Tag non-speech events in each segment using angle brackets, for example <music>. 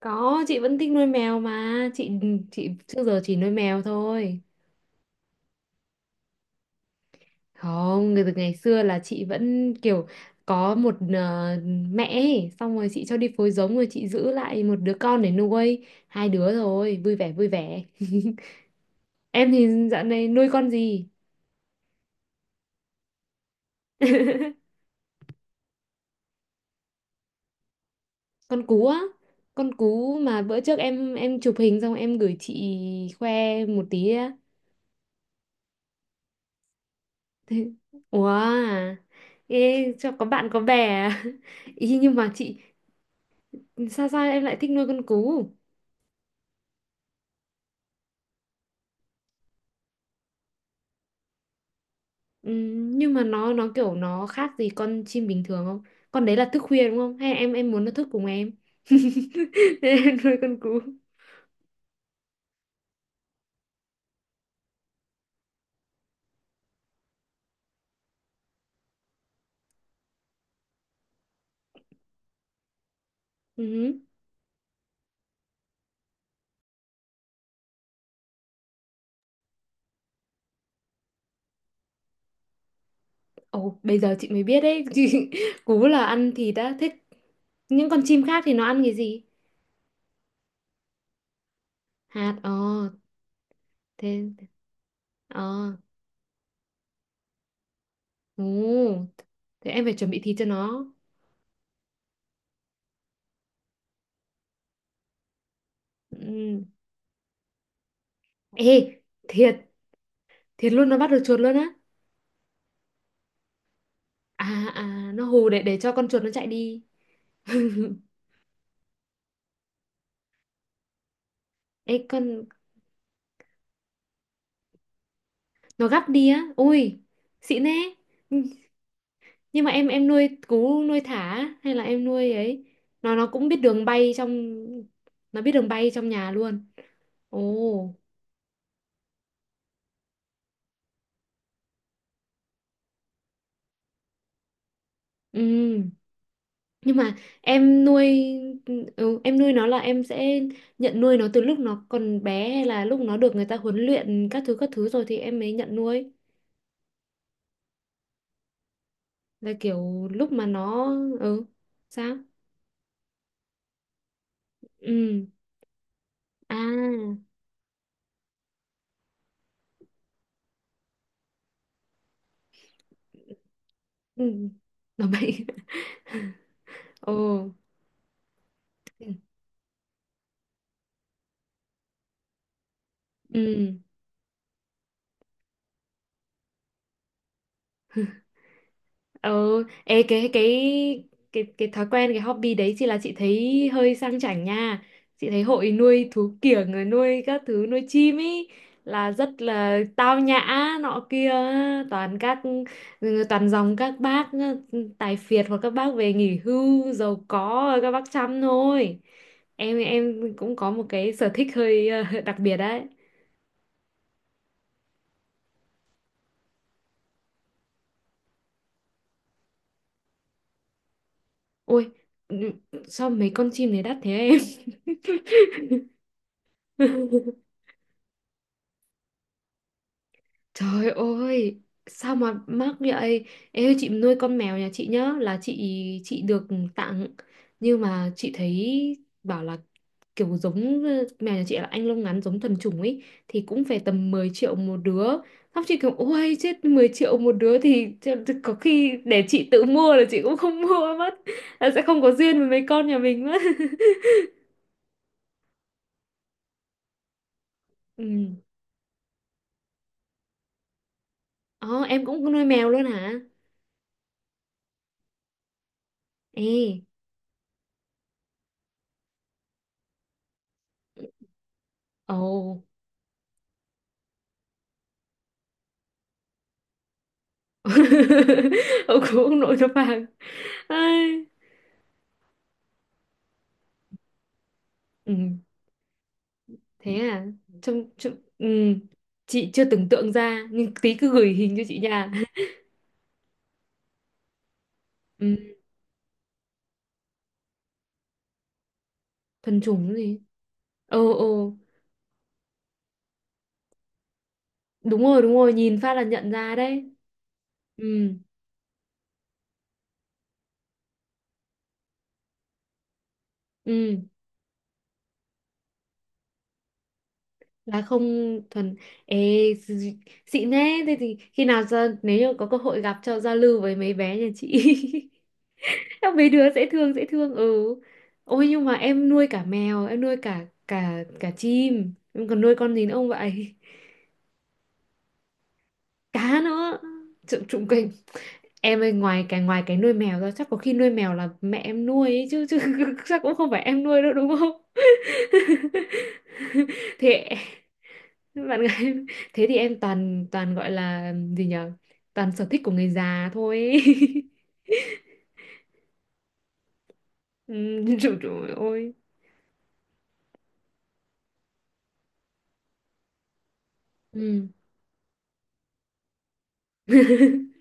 Có, chị vẫn thích nuôi mèo mà. Chị trước giờ chỉ nuôi mèo thôi. Không, từ ngày xưa là chị vẫn kiểu có một mẹ ấy, xong rồi chị cho đi phối giống rồi chị giữ lại một đứa con để nuôi. Hai đứa rồi, vui vẻ vui vẻ. <laughs> Em thì dạo này nuôi con gì? <laughs> Con cú á. Con cú mà bữa trước em chụp hình xong em gửi chị khoe một tí á. <laughs> Thế- Ủa, à? Ê, cho có bạn có bè à? <laughs> Ý nhưng mà chị sao sao em lại thích nuôi con cú. Nhưng mà nó kiểu nó khác gì con chim bình thường không, con đấy là thức khuya đúng không hay em muốn nó thức cùng em <laughs> nên em nuôi con cú. Ừm. Ồ, bây giờ chị mới biết đấy, <laughs> chị, cú là ăn thịt đã thích, những con chim khác thì nó ăn cái gì? Hạt, thế, ờ ồ, thế em phải chuẩn bị thịt cho nó. Ừm. Ê, thiệt, thiệt luôn nó bắt được chuột luôn á? À, nó hù để cho con chuột nó chạy đi. Ê con, nó gắp đi á, ui xịn thế. Ừ, nhưng mà em nuôi cú nuôi thả á? Hay là em nuôi ấy, nó cũng biết đường bay trong, nó biết đường bay trong nhà luôn? Ồ. Ừ, nhưng mà em nuôi, ừ, em nuôi nó là em sẽ nhận nuôi nó từ lúc nó còn bé hay là lúc nó được người ta huấn luyện các thứ rồi thì em mới nhận nuôi, là kiểu lúc mà nó, ừ, sao, ừ, à, ừ. Nó bay. <laughs> Ồ. Ừ. Ừ. Ừ, ê, cái thói quen, cái hobby đấy chị là chị thấy hơi sang chảnh nha. Chị thấy hội nuôi thú kiểng rồi nuôi các thứ nuôi chim ấy là rất là tao nhã, nọ kia, toàn các, ừ, toàn dòng các bác, ừ, tài phiệt hoặc các bác về nghỉ hưu giàu có rồi các bác chăm thôi. Em cũng có một cái sở thích hơi <laughs> đặc biệt đấy. Ôi, ừ, sao mấy con chim này đắt thế em? <laughs> Trời ơi, sao mà mắc vậy? Em ơi, chị nuôi con mèo nhà chị nhá, là chị được tặng. Nhưng mà chị thấy bảo là kiểu giống, mèo nhà chị là anh lông ngắn giống thuần chủng ấy thì cũng phải tầm 10 triệu một đứa. Xong chị kiểu ôi chết 10 triệu một đứa thì có khi để chị tự mua là chị cũng không <laughs> mua mất. Là sẽ không có duyên với mấy con nhà mình mất. <laughs> Ừ. Ờ, em cũng nuôi mèo luôn hả? Ê. Ồ. <laughs> Ông cũng ông nội nó vàng. Ai. Ừ, thế à, trông, trông, ừ, chị chưa tưởng tượng ra nhưng tí cứ gửi hình cho chị nha. <laughs> Ừ, thuần chủng gì. Ồ ồ. Đúng rồi đúng rồi, nhìn phát là nhận ra đấy. Ừ. Ừ, là không thuần. Ê, d- xịn thế, thế thì khi nào ra nếu như có cơ hội gặp cho giao lưu với mấy bé nhà chị. <laughs> Các mấy đứa dễ thương dễ thương. Ừ, ôi nhưng mà em nuôi cả mèo, em nuôi cả cả cả chim, em còn nuôi con gì nữa không vậy? <laughs> Cá nữa, trụng trụng kình, em ơi ngoài cái nuôi mèo ra chắc có khi nuôi mèo là mẹ em nuôi ấy, chứ chứ <laughs> chắc cũng không phải em nuôi đâu đúng không? <laughs> Thế, bạn gái. <laughs> Thế thì em toàn toàn gọi là gì nhở, toàn sở thích của người già thôi ấy. <laughs> Ừ, trời, trời ơi. Ừ. <laughs>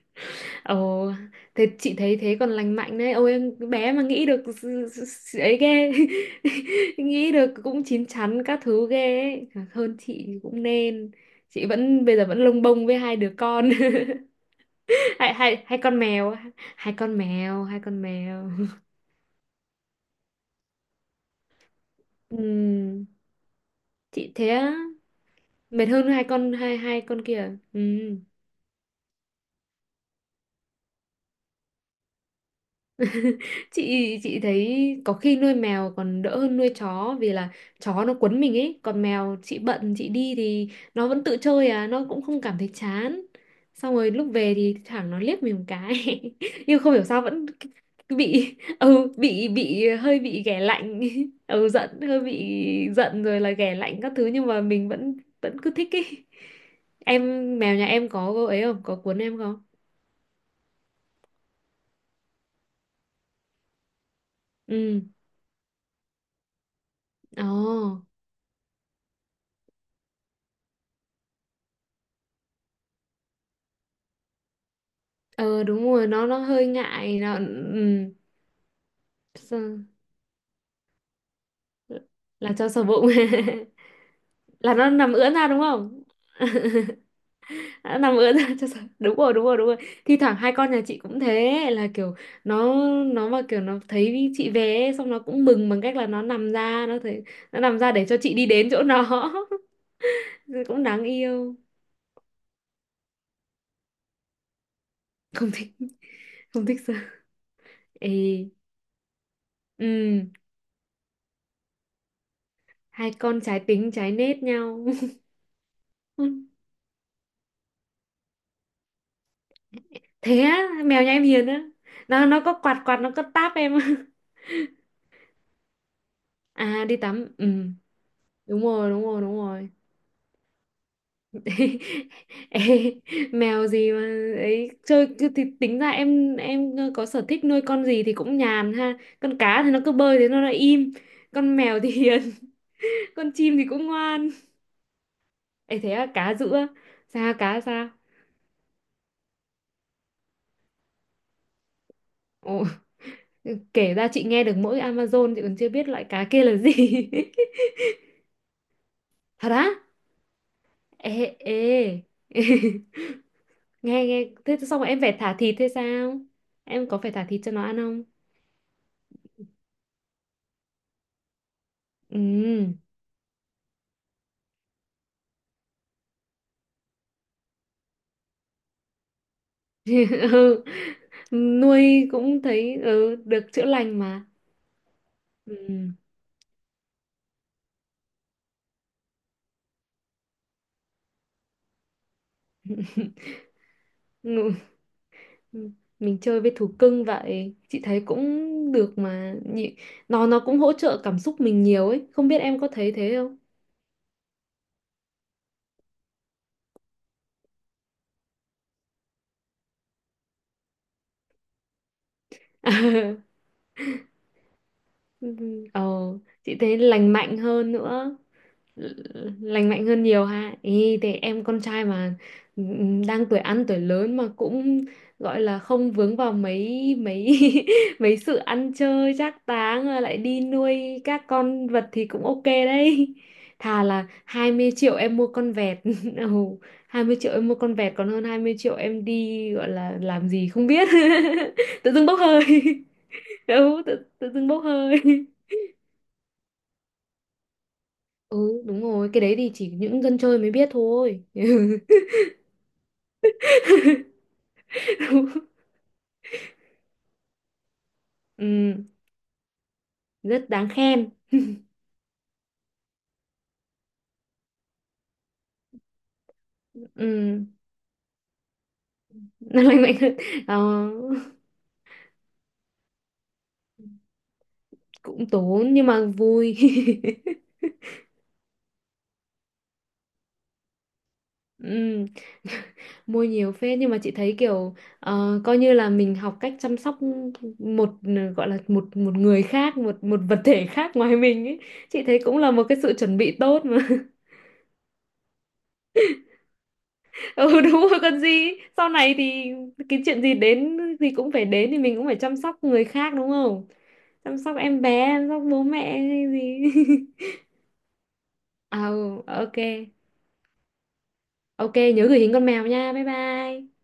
Ồ, thế chị thấy thế còn lành mạnh đấy. Ôi em cái bé mà nghĩ được ấy ghê. <laughs> Nghĩ được cũng chín chắn các thứ ghê ấy. Thật hơn chị thì cũng nên. Chị vẫn bây giờ vẫn lông bông với hai đứa con. <laughs> Hai hai hai con mèo, hai con mèo, hai con mèo. <laughs> Ừm, chị thế á. Mệt hơn hai con, hai hai con kia à? Ừ. chị thấy có khi nuôi mèo còn đỡ hơn nuôi chó vì là chó nó quấn mình ấy, còn mèo chị bận chị đi thì nó vẫn tự chơi à, nó cũng không cảm thấy chán, xong rồi lúc về thì thẳng nó liếc mình một cái, <laughs> nhưng không hiểu sao vẫn bị, bị hơi bị ghẻ lạnh <laughs> ừ giận hơi bị giận rồi là ghẻ lạnh các thứ nhưng mà mình vẫn vẫn cứ thích ấy. Em mèo nhà em có ấy không, có cuốn em không? Ừ. Ồ. Ờ đúng rồi, nó hơi ngại nó, sao- là cho sờ bụng. <laughs> Là nó nằm ưỡn ra đúng không? <laughs> Nó nằm ưỡn ra cho sờ. Đúng rồi, đúng rồi, đúng rồi. Thi thoảng hai con nhà chị cũng thế là kiểu nó, mà kiểu nó thấy chị về ấy, xong nó cũng mừng bằng cách là nó nằm ra, nó thấy nó nằm ra để cho chị đi đến chỗ nó. <laughs> Cũng đáng yêu. Không thích, không thích sờ. Ê, ừm, hai con trái tính trái nết nhau. <laughs> Thế á, mèo nhà em hiền á, nó có quạt quạt nó có táp em? <laughs> À đi tắm, ừ đúng rồi đúng rồi đúng rồi. <laughs> Ê, mèo gì mà ấy chơi cứ thì tính ra em có sở thích nuôi con gì thì cũng nhàn ha, con cá thì nó cứ bơi thế nó lại im, con mèo thì hiền, <laughs> con chim thì cũng ngoan. Ấy thế à, cá giữa, sao cá sao. Ồ, kể ra chị nghe được mỗi Amazon chị còn chưa biết loại cá kia là gì. <laughs> Thật á? Ê, ê, <laughs> nghe nghe thế xong rồi em phải thả thịt thế sao, em có phải thả thịt cho nó ăn không? Ừ. <laughs> Ừ, nuôi cũng thấy, ừ, được chữa lành mà. Ừ. <laughs> Ngụ- mình chơi với thú cưng vậy chị thấy cũng được mà. Nó cũng hỗ trợ cảm xúc mình nhiều ấy, không biết em có thấy thế không. <laughs> Ừ. Ờ chị thấy lành mạnh hơn nữa. Ờ, lành mạnh hơn nhiều ha, ý thì em con trai mà, đang tuổi ăn tuổi lớn mà cũng gọi là không vướng vào mấy mấy <laughs> mấy sự ăn chơi trác táng rồi lại đi nuôi các con vật thì cũng ok đấy. Thà là 20 triệu em mua con vẹt. <laughs> Oh, 20 triệu em mua con vẹt còn hơn 20 triệu em đi gọi là làm gì không biết. <laughs> Tự dưng bốc hơi. <laughs> Đâu tự dưng bốc hơi. <laughs> Ừ đúng rồi, cái đấy thì chỉ những dân chơi mới biết thôi. <laughs> <laughs> Ừ, rất đáng khen. Ừ, nó lành mạnh hơn. Ờ, cũng tốn nhưng mà vui. <laughs> Ừ. <laughs> Mua nhiều phết, nhưng mà chị thấy kiểu, ờ, coi như là mình học cách chăm sóc một, gọi là một một người khác, một một vật thể khác ngoài mình ấy, chị thấy cũng là một cái sự chuẩn bị tốt mà. <laughs> Ừ đúng rồi, còn gì, sau này thì cái chuyện gì đến thì cũng phải đến thì mình cũng phải chăm sóc người khác đúng không, chăm sóc em bé, chăm sóc bố mẹ hay gì. <laughs> Ờ, ok ok, nhớ gửi hình con mèo nha, bye bye.